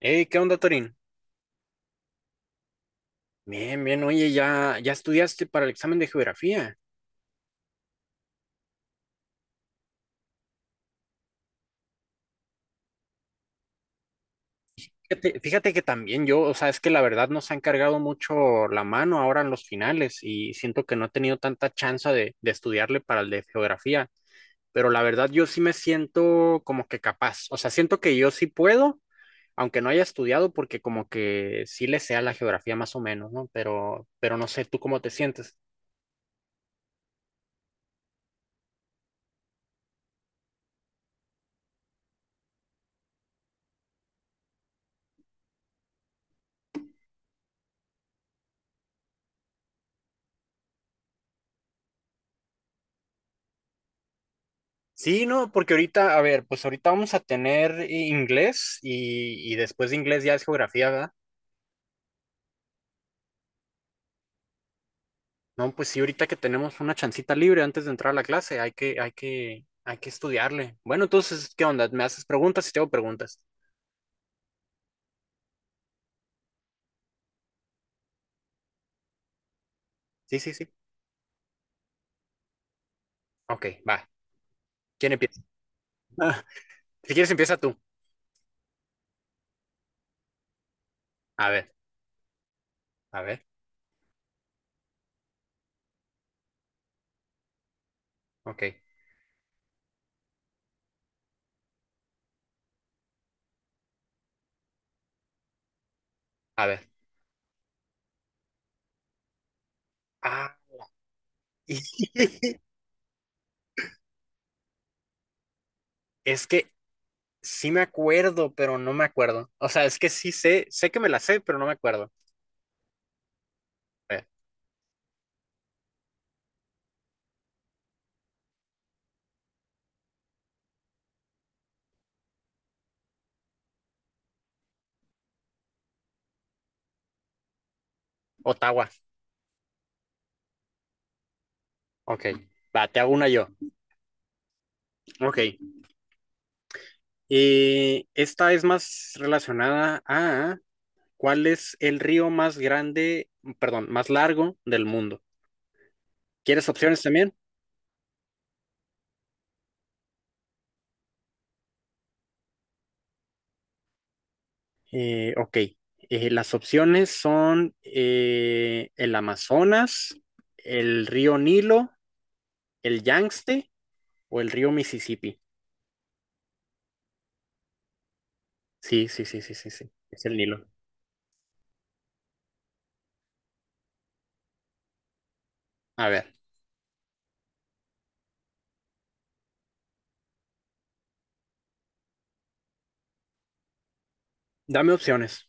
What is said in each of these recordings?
Hey, ¿qué onda, Torín? Bien, bien, oye, ya estudiaste para el examen de geografía. Fíjate que también yo, o sea, es que la verdad nos han cargado mucho la mano ahora en los finales y siento que no he tenido tanta chance de estudiarle para el de geografía, pero la verdad yo sí me siento como que capaz, o sea, siento que yo sí puedo, aunque no haya estudiado, porque como que sí le sea la geografía más o menos, ¿no? Pero no sé, ¿tú cómo te sientes? Sí, no, porque ahorita, a ver, pues ahorita vamos a tener inglés y después de inglés ya es geografía, ¿verdad? No, pues sí, ahorita que tenemos una chancita libre antes de entrar a la clase, hay que estudiarle. Bueno, entonces, ¿qué onda? ¿Me haces preguntas y te hago preguntas? Sí, sí, sí. Ok, va. ¿Quién empieza? Si quieres, empieza tú. A ver, a ver, ok, a ver. Ah, es que sí me acuerdo, pero no me acuerdo. O sea, es que sí sé, sé que me la sé, pero no me acuerdo. A ver, Ottawa. Ok, va, te hago una yo. Ok, y esta es más relacionada a cuál es el río más grande, perdón, más largo del mundo. ¿Quieres opciones también? Ok, las opciones son el Amazonas, el río Nilo, el Yangtze o el río Mississippi. Sí, sí, sí, sí, sí, sí, es el Nilo. A ver, dame opciones.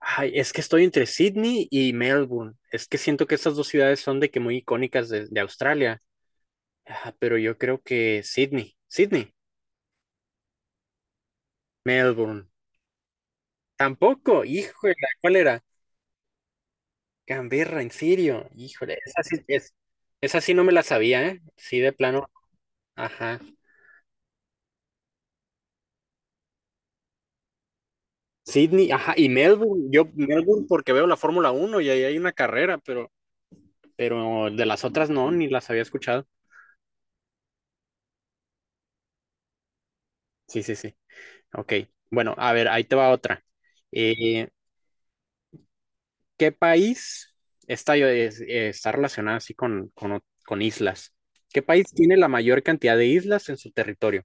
Ay, es que estoy entre Sydney y Melbourne. Es que siento que estas dos ciudades son de que muy icónicas de Australia. Ah, pero yo creo que Sydney, Melbourne. Tampoco, híjole, ¿cuál era? Canberra, en serio, híjole, esa sí, es, esa sí no me la sabía, ¿eh? Sí, de plano, ajá. Sydney, ajá, y Melbourne, yo Melbourne porque veo la Fórmula Uno y ahí hay una carrera, pero de las otras no, ni las había escuchado. Sí, sí, sí, ok. Bueno, a ver, ahí te va otra. Eh, ¿Qué país está, está relacionado así con, con islas? ¿Qué país tiene la mayor cantidad de islas en su territorio?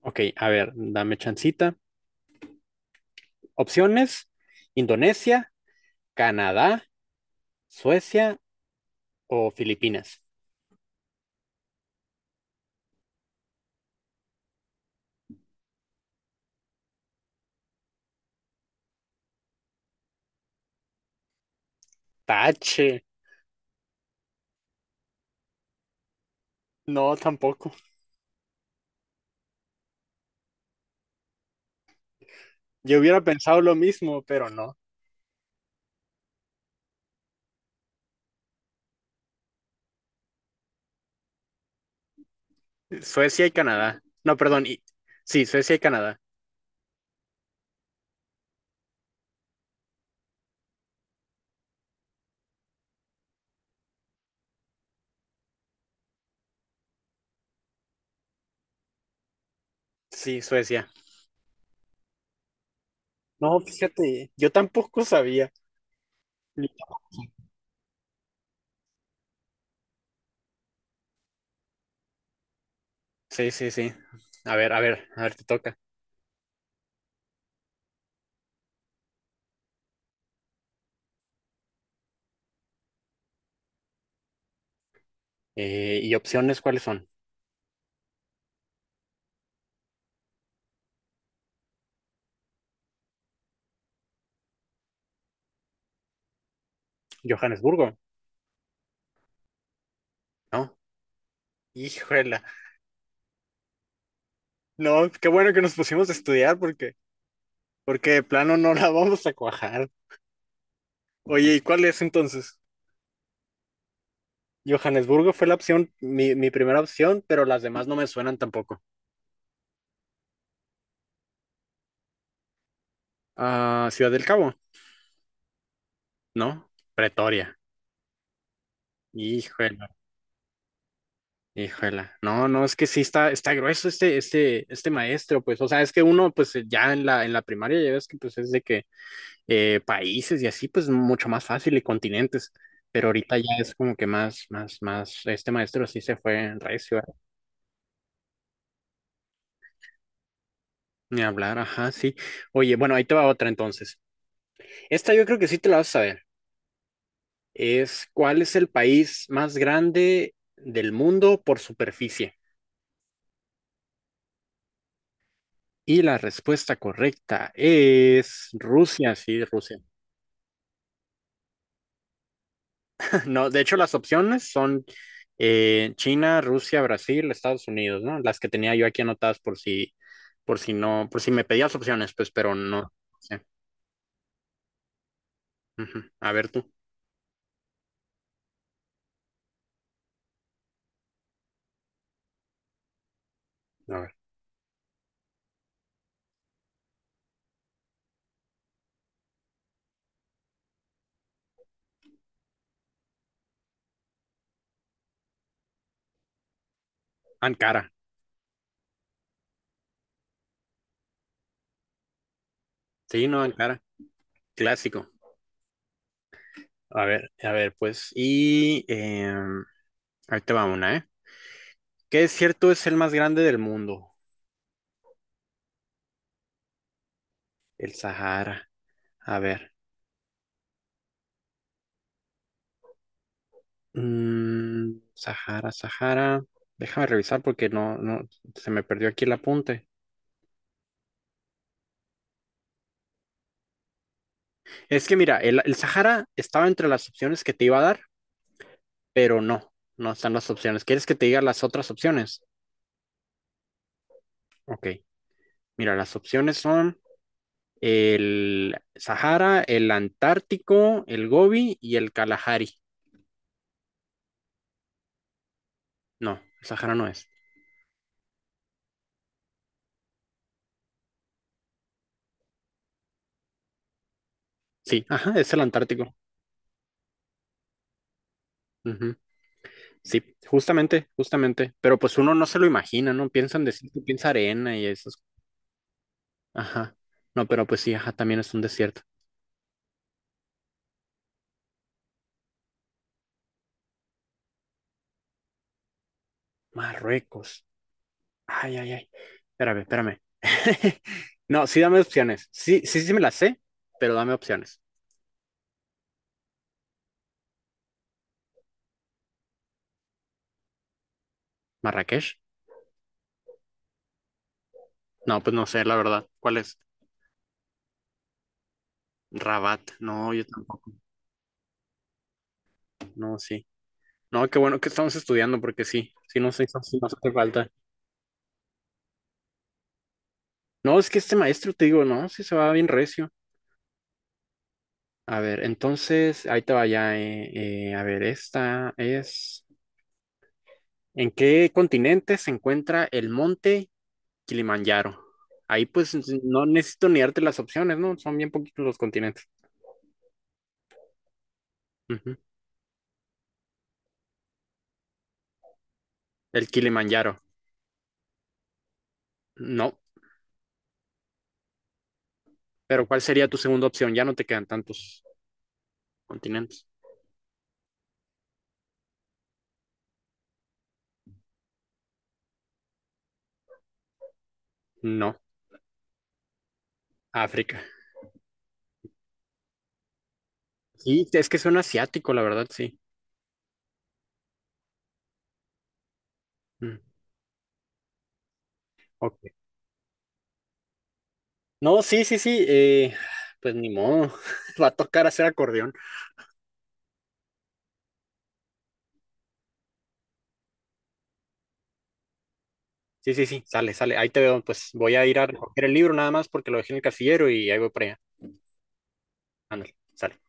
Ok, a ver, dame chancita. Opciones: Indonesia, Canadá, Suecia o Filipinas. Tache, no, tampoco. Yo hubiera pensado lo mismo, pero no. Suecia y Canadá. No, perdón. Sí, Suecia y Canadá. Sí, Suecia. No, fíjate, yo tampoco sabía. Sí, sí, sí. A ver, a ver, a ver, te toca. ¿Y opciones cuáles son? Johannesburgo, ¿no? Híjola. No, qué bueno que nos pusimos a estudiar porque, porque de plano no la vamos a cuajar. Oye, ¿y cuál es entonces? Johannesburgo fue la opción, mi primera opción, pero las demás no me suenan tampoco. Ah, Ciudad del Cabo, ¿no? Pretoria. Híjola, híjola. No, no, es que sí está, está grueso este maestro, pues. O sea, es que uno, pues, ya en la primaria, ya ves que pues es de que países y así, pues mucho más fácil y continentes. Pero ahorita ya es como que más, este maestro sí se fue en recio, ¿eh? Ni hablar, ajá, sí. Oye, bueno, ahí te va otra entonces. Esta yo creo que sí te la vas a saber. Es ¿cuál es el país más grande del mundo por superficie? Y la respuesta correcta es Rusia, sí, Rusia. No, de hecho las opciones son China, Rusia, Brasil, Estados Unidos, ¿no? Las que tenía yo aquí anotadas por si no, por si me pedías opciones, pues, pero no. Sé. Ujú. A ver tú. A ver. Ankara. Sí, no, Ankara. Clásico. A ver, pues. Y ahí te va una, ¿eh? ¿Qué desierto es el más grande del mundo? El Sahara. A ver. Mm, Sahara, Sahara. Déjame revisar porque no, no, se me perdió aquí el apunte. Es que mira, el Sahara estaba entre las opciones que te iba a dar, pero no, no están las opciones. ¿Quieres que te diga las otras opciones? Ok, mira, las opciones son el Sahara, el Antártico, el Gobi y el Kalahari. No, el Sahara no es. Sí, ajá, es el Antártico. Ujú, sí, justamente, justamente. Pero pues uno no se lo imagina, ¿no? Piensa en desierto, piensa arena y esas. Ajá. No, pero pues sí, ajá, también es un desierto. Marruecos. Ay, ay, ay. Espérame, espérame. No, sí dame opciones. Sí, sí, sí me las sé, pero dame opciones. ¿Marrakech? No, pues no sé, la verdad. ¿Cuál es? Rabat. No, yo tampoco. No, sí. No, qué bueno que estamos estudiando, porque sí, sí no sé, sí nos hace falta. No, es que este maestro, te digo, no, sí se va bien recio. A ver, entonces, ahí te vaya. A ver, esta es... ¿En qué continente se encuentra el monte Kilimanjaro? Ahí pues no necesito ni darte las opciones, ¿no? Son bien poquitos los continentes. Ujú. El Kilimanjaro. No. Pero ¿cuál sería tu segunda opción? Ya no te quedan tantos continentes. No. África. Sí, es que suena asiático, la verdad, sí. Mm, ok. No, sí, sí, sí. Pues ni modo. Va a tocar hacer acordeón. Sí, sí, sí. Sale, sale. Ahí te veo. Pues voy a ir a recoger el libro nada más porque lo dejé en el casillero y ahí voy para allá. Ándale, sale.